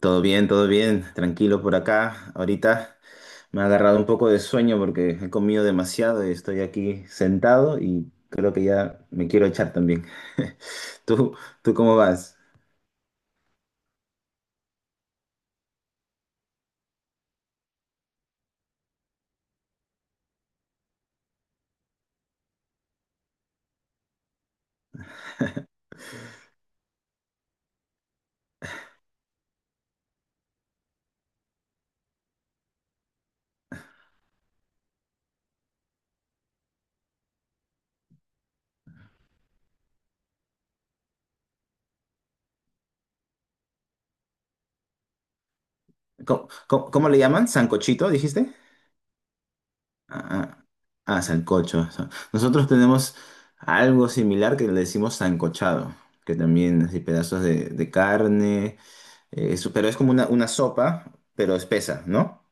Todo bien, tranquilo por acá. Ahorita me ha agarrado un poco de sueño porque he comido demasiado y estoy aquí sentado y creo que ya me quiero echar también. ¿Tú, tú cómo vas? ¿ Cómo le llaman? ¿Sancochito, dijiste? Ah, ah, Sancocho. Nosotros tenemos algo similar que le decimos sancochado, que también así pedazos de carne, eso, pero es como una sopa, pero espesa, ¿no?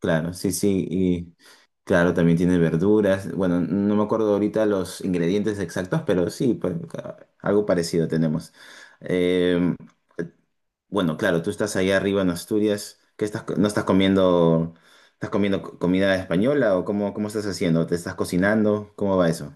Claro, sí, sí. Claro, también tiene verduras. Bueno, no me acuerdo ahorita los ingredientes exactos, pero sí, pues, algo parecido tenemos. Eh, bueno, claro, tú estás allá arriba en Asturias. ¿Qué estás, no estás comiendo, estás comiendo comida española o cómo, cómo estás haciendo? ¿Te estás cocinando? ¿Cómo va eso?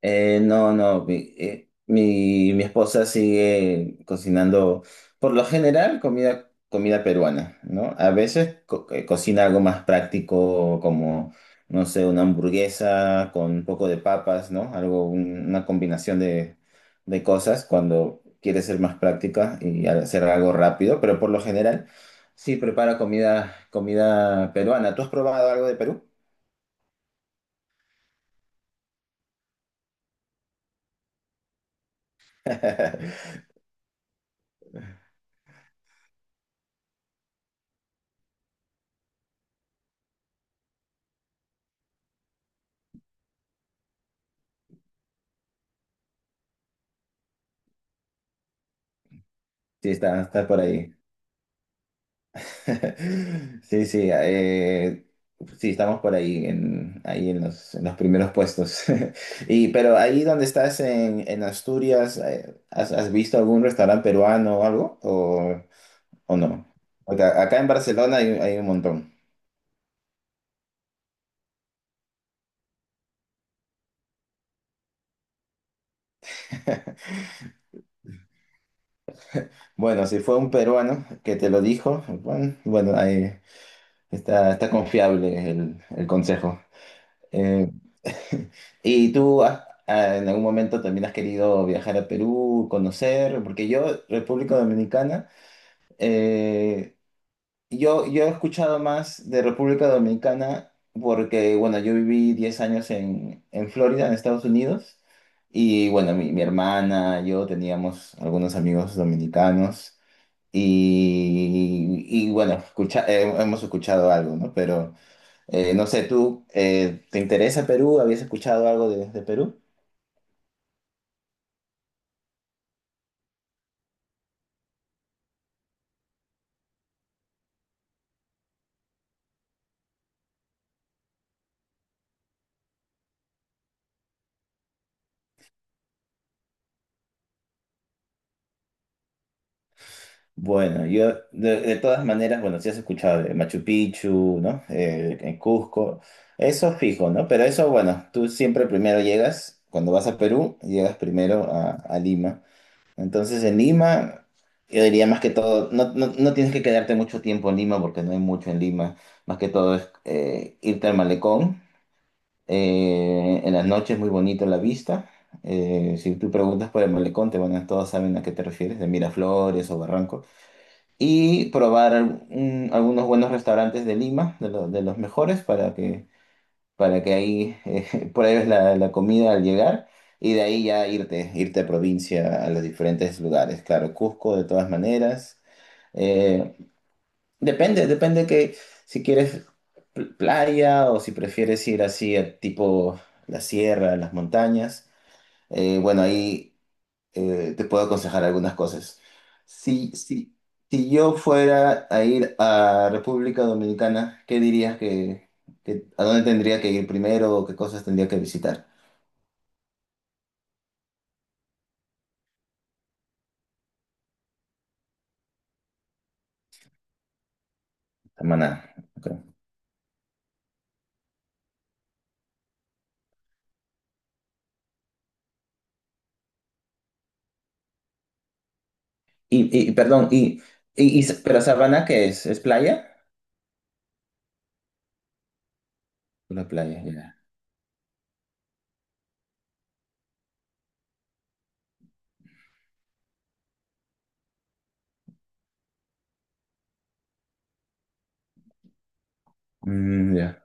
No, no, mi esposa sigue cocinando, por lo general, comida peruana, ¿no? A veces cocina algo más práctico, como, no sé, una hamburguesa con un poco de papas, ¿no? Algo, una combinación de cosas cuando quiere ser más práctica y hacer algo rápido, pero por lo general, sí prepara comida peruana. ¿Tú has probado algo de Perú? Sí, está, está por ahí. Sí, sí, sí, estamos por ahí, en, ahí en los primeros puestos. Y, pero ahí donde estás en Asturias, ¿has, has visto algún restaurante peruano o algo? O no? Porque acá en Barcelona hay, hay un montón. Bueno, si fue un peruano que te lo dijo, bueno, bueno, ahí está, está confiable el consejo. Eh, ¿y tú ah, en algún momento también has querido viajar a Perú, conocer? Porque yo, República Dominicana, eh, yo he escuchado más de República Dominicana porque, bueno, yo viví 10 años en Florida, en Estados Unidos, y bueno, mi hermana, yo teníamos algunos amigos dominicanos. Y bueno, hemos escuchado algo, ¿no? Pero no sé, ¿tú te interesa Perú? ¿Habías escuchado algo de Perú? Bueno, yo de todas maneras, bueno, sí has escuchado de Machu Picchu, ¿no? En Cusco, eso fijo, ¿no? Pero eso, bueno, tú siempre primero llegas, cuando vas a Perú, llegas primero a Lima. Entonces en Lima, yo diría más que todo, no, no, no tienes que quedarte mucho tiempo en Lima porque no hay mucho en Lima, más que todo es irte al malecón. En las noches muy bonito la vista. Si tú preguntas por el malecón, te van a, todos saben a qué te refieres, de Miraflores o Barranco. Y probar algunos buenos restaurantes de Lima, de, de los mejores, para que ahí pruebes la, la comida al llegar. Y de ahí ya irte, irte a provincia, a los diferentes lugares. Claro, Cusco de todas maneras. Eh, Depende, depende que si quieres playa o si prefieres ir así a tipo la sierra, las montañas. Bueno, ahí te puedo aconsejar algunas cosas. Si, si, si yo fuera a ir a República Dominicana, ¿qué dirías que, a dónde tendría que ir primero o qué cosas tendría que visitar? Samaná. Ok. Y perdón, pero Sabana, ¿qué es? ¿Es playa? La playa, ya. Mm, ya.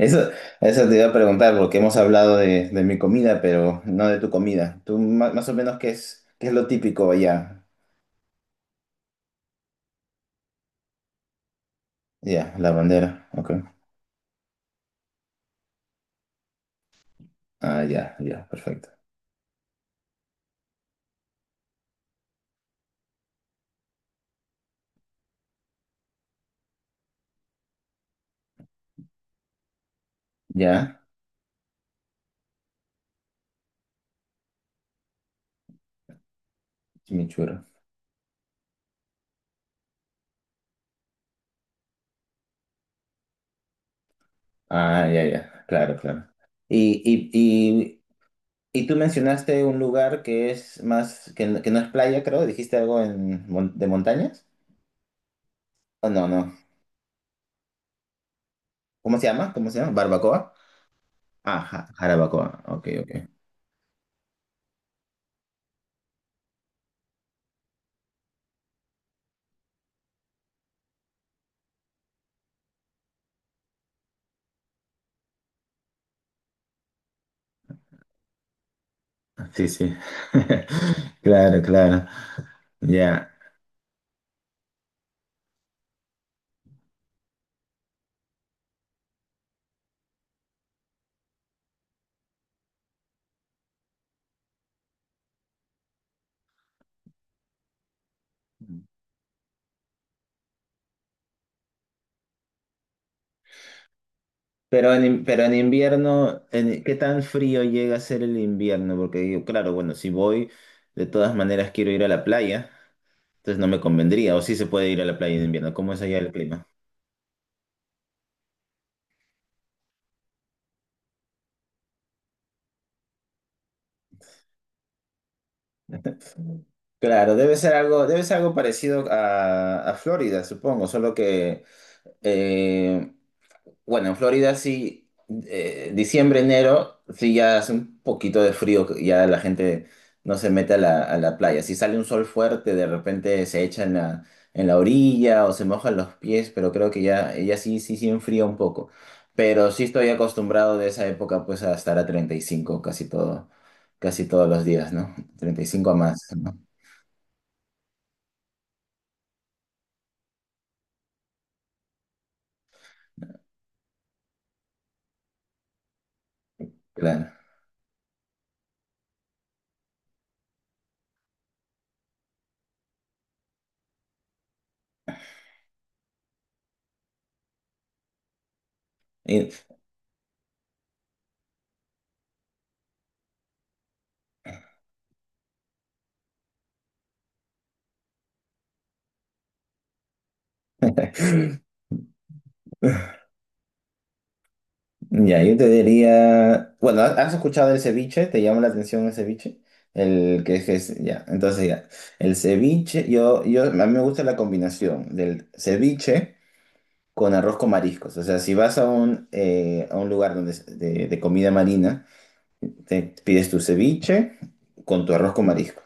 Eso, eso te iba a preguntar, porque hemos hablado de mi comida, pero no de tu comida. Tú más, o menos qué es lo típico allá. Ya, la bandera. Ok. Ah, ya, ya, perfecto. Ya, chimichurro. Ah, ya, ya, claro, claro. Y, y, y, y tú mencionaste un lugar que es más, que no es playa, creo. ¿Dijiste algo en, de montañas? Oh, no, no. ¿Cómo se llama? ¿Cómo se llama? ¿Barbacoa? Ah, jarabacoa. Ok, ok. Sí, sí. Claro, claro. Ya. Pero en, pero en invierno, en- ¿qué tan frío llega a ser el invierno? Porque digo, claro, bueno, si voy, de todas maneras quiero ir a la playa, entonces no me convendría, o sí se puede ir a la playa en invierno. ¿Cómo es allá el clima? Claro, debe ser algo parecido a Florida, supongo, solo que eh, bueno, en Florida sí, diciembre, enero, sí ya hace un poquito de frío, que ya la gente no se mete a la playa. Si sale un sol fuerte, de repente se echa en la orilla o se mojan los pies, pero creo que ya, ya sí, sí, sí enfría un poco. Pero sí estoy acostumbrado de esa época pues a estar a 35 casi todo, casi todos los días, ¿no? 35 a más, ¿no? Claro. Y- ya, yo te diría, bueno, ¿has has escuchado el ceviche? ¿Te llama la atención el ceviche? El que es, ya, entonces ya, el ceviche, yo, a mí me gusta la combinación del ceviche con arroz con mariscos. O sea, si vas a un lugar donde, es de comida marina, te pides tu ceviche con tu arroz con mariscos.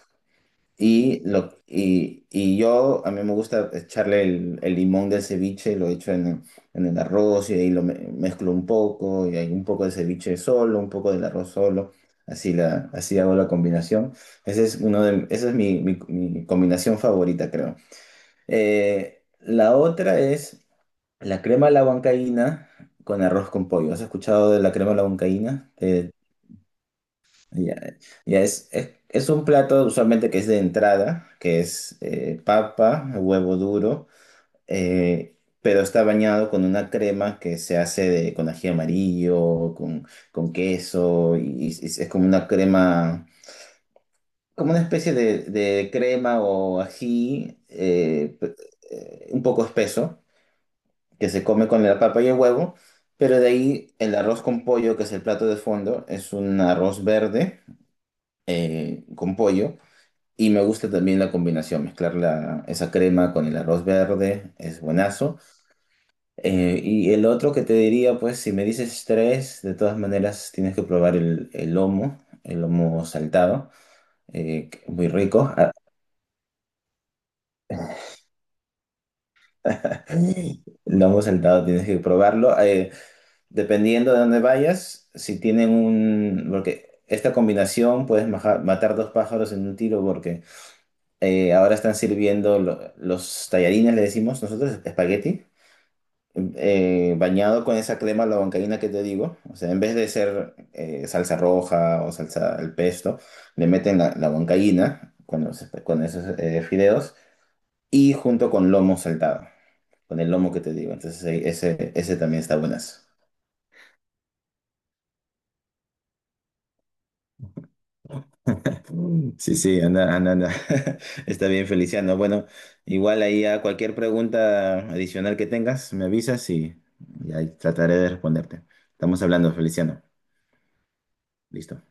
Y, lo, y yo, a mí me gusta echarle el limón del ceviche, lo echo en el arroz y ahí lo mezclo un poco, y hay un poco de ceviche solo, un poco del arroz solo, así, la, así hago la combinación. Ese es uno de, esa es mi, mi combinación favorita, creo. La otra es la crema a la huancaína con arroz con pollo. ¿Has escuchado de la crema a la huancaína? Ya, ya es un plato usualmente que es de entrada, que es papa, huevo duro, eh, pero está bañado con una crema que se hace de, con ají amarillo, con queso, y es como una crema, como una especie de crema o ají un poco espeso, que se come con la papa y el huevo, pero de ahí el arroz con pollo, que es el plato de fondo, es un arroz verde con pollo. Y me gusta también la combinación, mezclar esa crema con el arroz verde, es buenazo. Y el otro que te diría, pues si me dices tres, de todas maneras tienes que probar el lomo saltado, que es muy rico. El lomo saltado tienes que probarlo. Dependiendo de dónde vayas, si tienen un... Porque esta combinación puedes matar dos pájaros en un tiro porque ahora están sirviendo los tallarines, le decimos nosotros, espagueti. Bañado con esa crema la bancaína que te digo, o sea, en vez de ser salsa roja o salsa al pesto, le meten la, la huancaína con, con esos fideos y junto con lomo saltado, con el lomo que te digo. Entonces, ese, ese también está buenazo. Sí, sí, anda, anda, anda. Está bien, Feliciano. Bueno, igual ahí a cualquier pregunta adicional que tengas, me avisas y ahí trataré de responderte. Estamos hablando, Feliciano. Listo.